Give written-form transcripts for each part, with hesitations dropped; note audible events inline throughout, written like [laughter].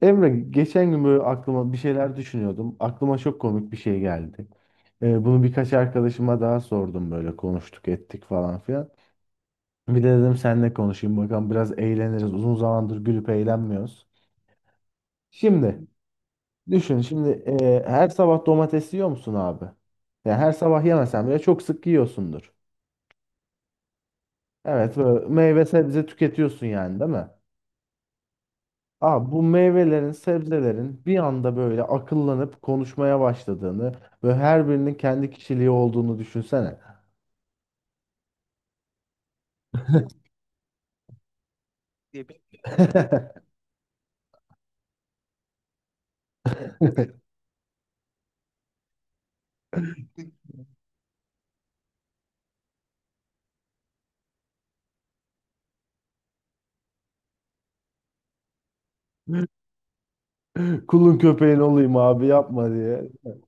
Emre geçen gün böyle aklıma bir şeyler düşünüyordum. Aklıma çok komik bir şey geldi. Bunu birkaç arkadaşıma daha sordum böyle konuştuk ettik falan filan. Bir de dedim seninle konuşayım bakalım biraz eğleniriz. Uzun zamandır gülüp eğlenmiyoruz. Şimdi düşün şimdi her sabah domates yiyor musun abi? Yani her sabah yemesen bile çok sık yiyorsundur. Evet böyle meyve sebze tüketiyorsun yani değil mi? Aa, bu meyvelerin, sebzelerin bir anda böyle akıllanıp konuşmaya başladığını ve her birinin kendi kişiliği olduğunu düşünsene. [laughs] Kulun köpeğin olayım abi yapma diye. [laughs]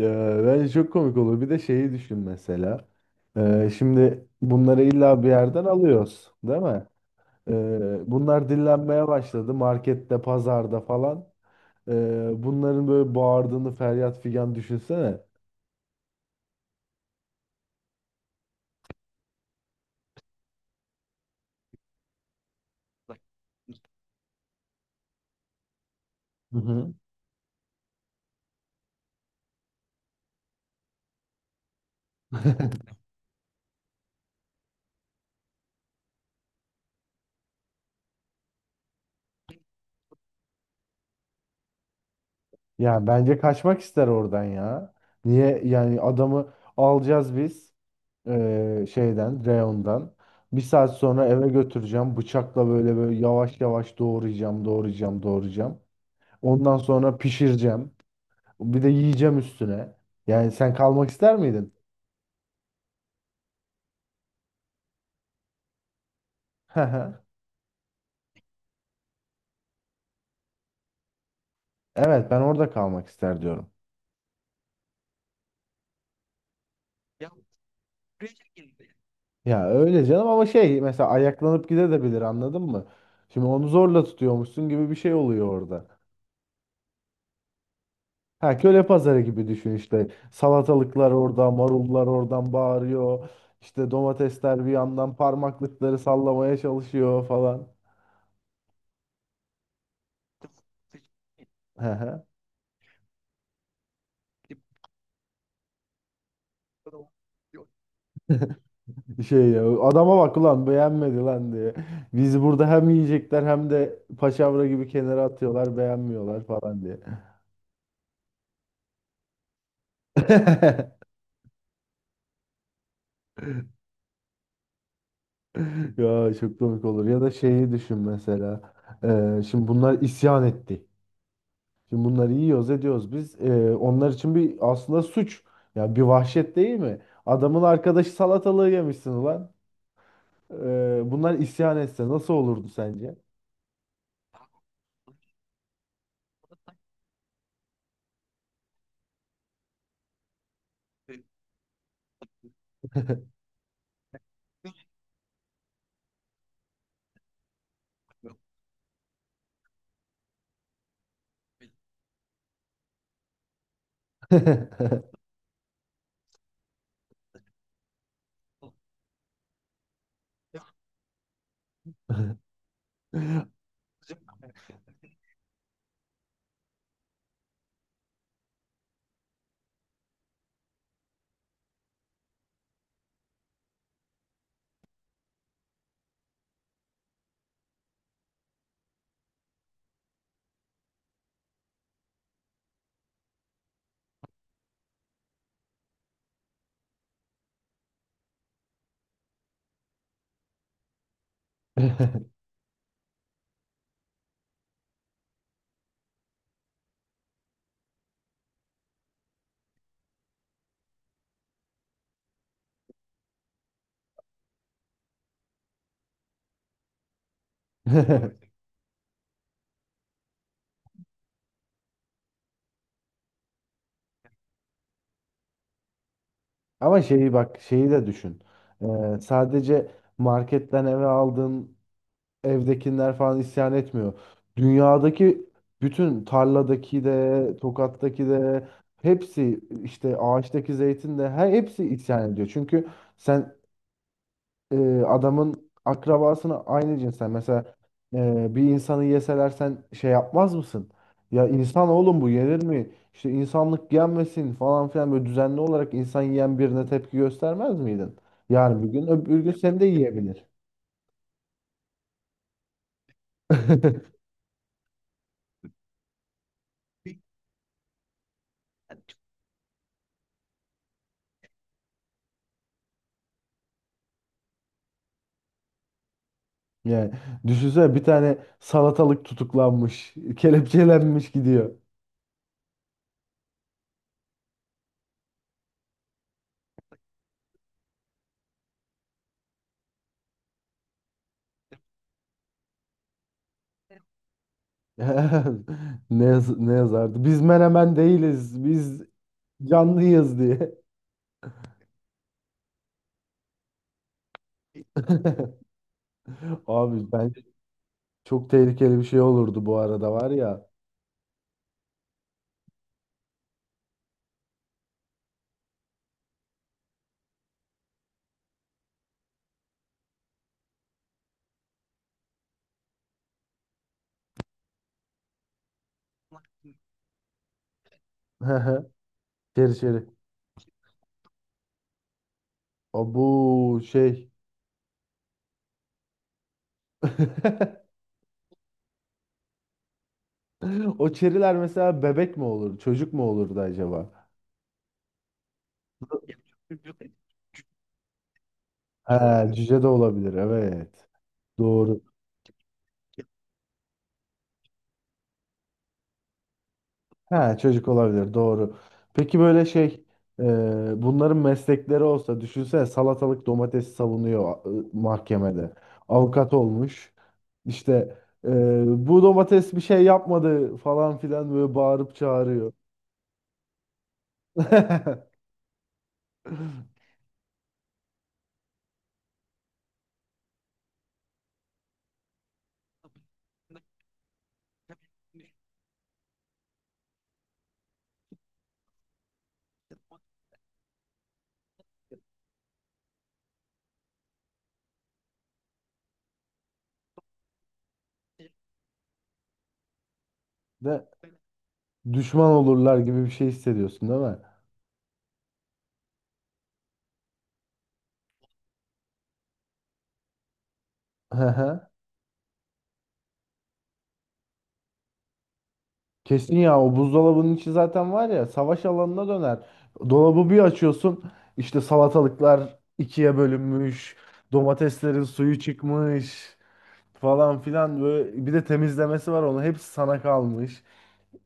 Bence çok komik olur. Bir de şeyi düşün mesela. Şimdi bunları illa bir yerden alıyoruz, değil mi? Bunlar dillenmeye başladı markette, pazarda falan. Bunların böyle bağırdığını feryat figan düşünsene. Hı hı. Ya bence kaçmak ister oradan ya. Niye yani adamı alacağız biz şeyden reyondan. Bir saat sonra eve götüreceğim. Bıçakla böyle böyle yavaş yavaş doğrayacağım, doğrayacağım, doğrayacağım. Ondan sonra pişireceğim. Bir de yiyeceğim üstüne. Yani sen kalmak ister miydin? [laughs] Evet ben orada kalmak ister diyorum. Ya buraya girdi. Ya öyle canım ama şey mesela ayaklanıp gidebilir anladın mı? Şimdi onu zorla tutuyormuşsun gibi bir şey oluyor orada. Ha köle pazarı gibi düşün işte. Salatalıklar orada, marullar oradan bağırıyor. İşte domatesler bir yandan parmaklıkları sallamaya çalışıyor falan. Hı hı. Şey ya adama bak ulan beğenmedi lan diye. Biz burada hem yiyecekler hem de paçavra gibi kenara atıyorlar beğenmiyorlar falan diye. [laughs] Ya çok komik olur. Ya da şeyi düşün mesela. Şimdi bunlar isyan etti. Şimdi bunları yiyoruz ediyoruz biz. Onlar için bir aslında suç. Ya bir vahşet değil mi? Adamın arkadaşı salatalığı yemişsin ulan. Bunlar isyan etse nasıl olurdu sence? [laughs] Ama şeyi bak şeyi de düşün. Sadece marketten eve aldığın evdekiler falan isyan etmiyor. Dünyadaki bütün tarladaki de tokattaki de hepsi işte ağaçtaki zeytin de her hepsi isyan ediyor. Çünkü sen adamın akrabasını aynı cinsten mesela bir insanı yeseler sen şey yapmaz mısın? Ya insan oğlum bu yenir mi? İşte insanlık yenmesin falan filan böyle düzenli olarak insan yiyen birine tepki göstermez miydin? Yani bir gün öbür gün seni de yiyebilir. [laughs] Yani düşünsene bir tane salatalık tutuklanmış, kelepçelenmiş gidiyor. [laughs] Ne, ne yazardı? Biz menemen değiliz, biz canlıyız diye. [laughs] Abi ben çok tehlikeli bir şey olurdu bu arada var ya. [laughs] Çeri çeri. O bu şey. [laughs] O çeriler mesela bebek mi olur, çocuk mu olurdu acaba? Ha, cüce de olabilir. Evet. Doğru. Ha, çocuk olabilir. Doğru. Peki böyle şey, e, bunların meslekleri olsa düşünsene salatalık domates savunuyor mahkemede. Avukat olmuş. İşte e, bu domates bir şey yapmadı falan filan böyle bağırıp çağırıyor. [laughs] De, düşman olurlar gibi bir şey hissediyorsun değil mi? Hı hı. Kesin ya o buzdolabının içi zaten var ya savaş alanına döner. Dolabı bir açıyorsun işte salatalıklar ikiye bölünmüş, domateslerin suyu çıkmış falan filan böyle bir de temizlemesi var onu hepsi sana kalmış.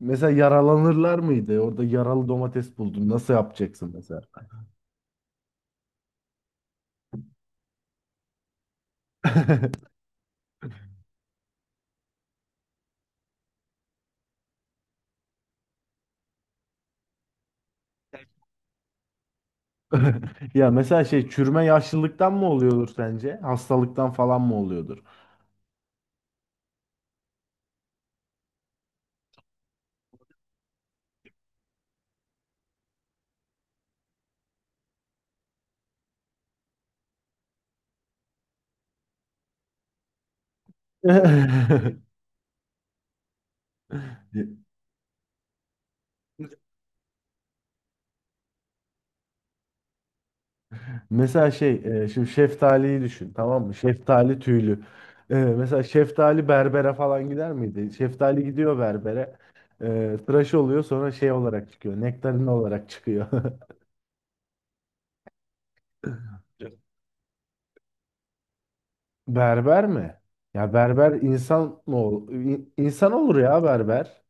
Mesela yaralanırlar mıydı? Orada yaralı domates buldun. Nasıl yapacaksın mesela? [laughs] Ya mesela şey çürüme yaşlılıktan mı oluyordur sence? Hastalıktan falan mı oluyordur? [laughs] Mesela şey, şimdi şeftaliyi düşün, tamam mı? Şeftali tüylü. E, mesela şeftali berbere falan gider miydi? Şeftali gidiyor berbere. E, tıraş oluyor sonra şey olarak çıkıyor. Nektarin olarak çıkıyor. [laughs] Berber mi? Ya berber insan mı insan olur ya berber.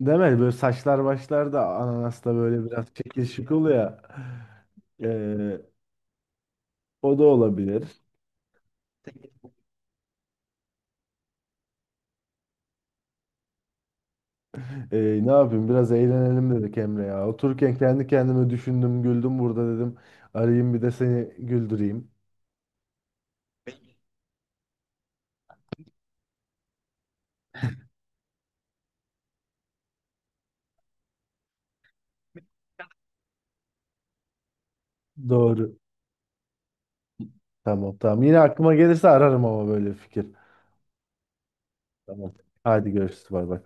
Değil mi? Böyle saçlar başlar da ananasta böyle biraz şekil şukul ya. E, o da olabilir. Ee, Ne yapayım biraz eğlenelim dedik Emre ya. Otururken kendi kendime düşündüm, güldüm burada dedim. Arayayım bir de seni güldüreyim. Doğru. Tamam tamam. Yine aklıma gelirse ararım ama böyle bir fikir. Tamam. Hadi görüşürüz. Bay bay.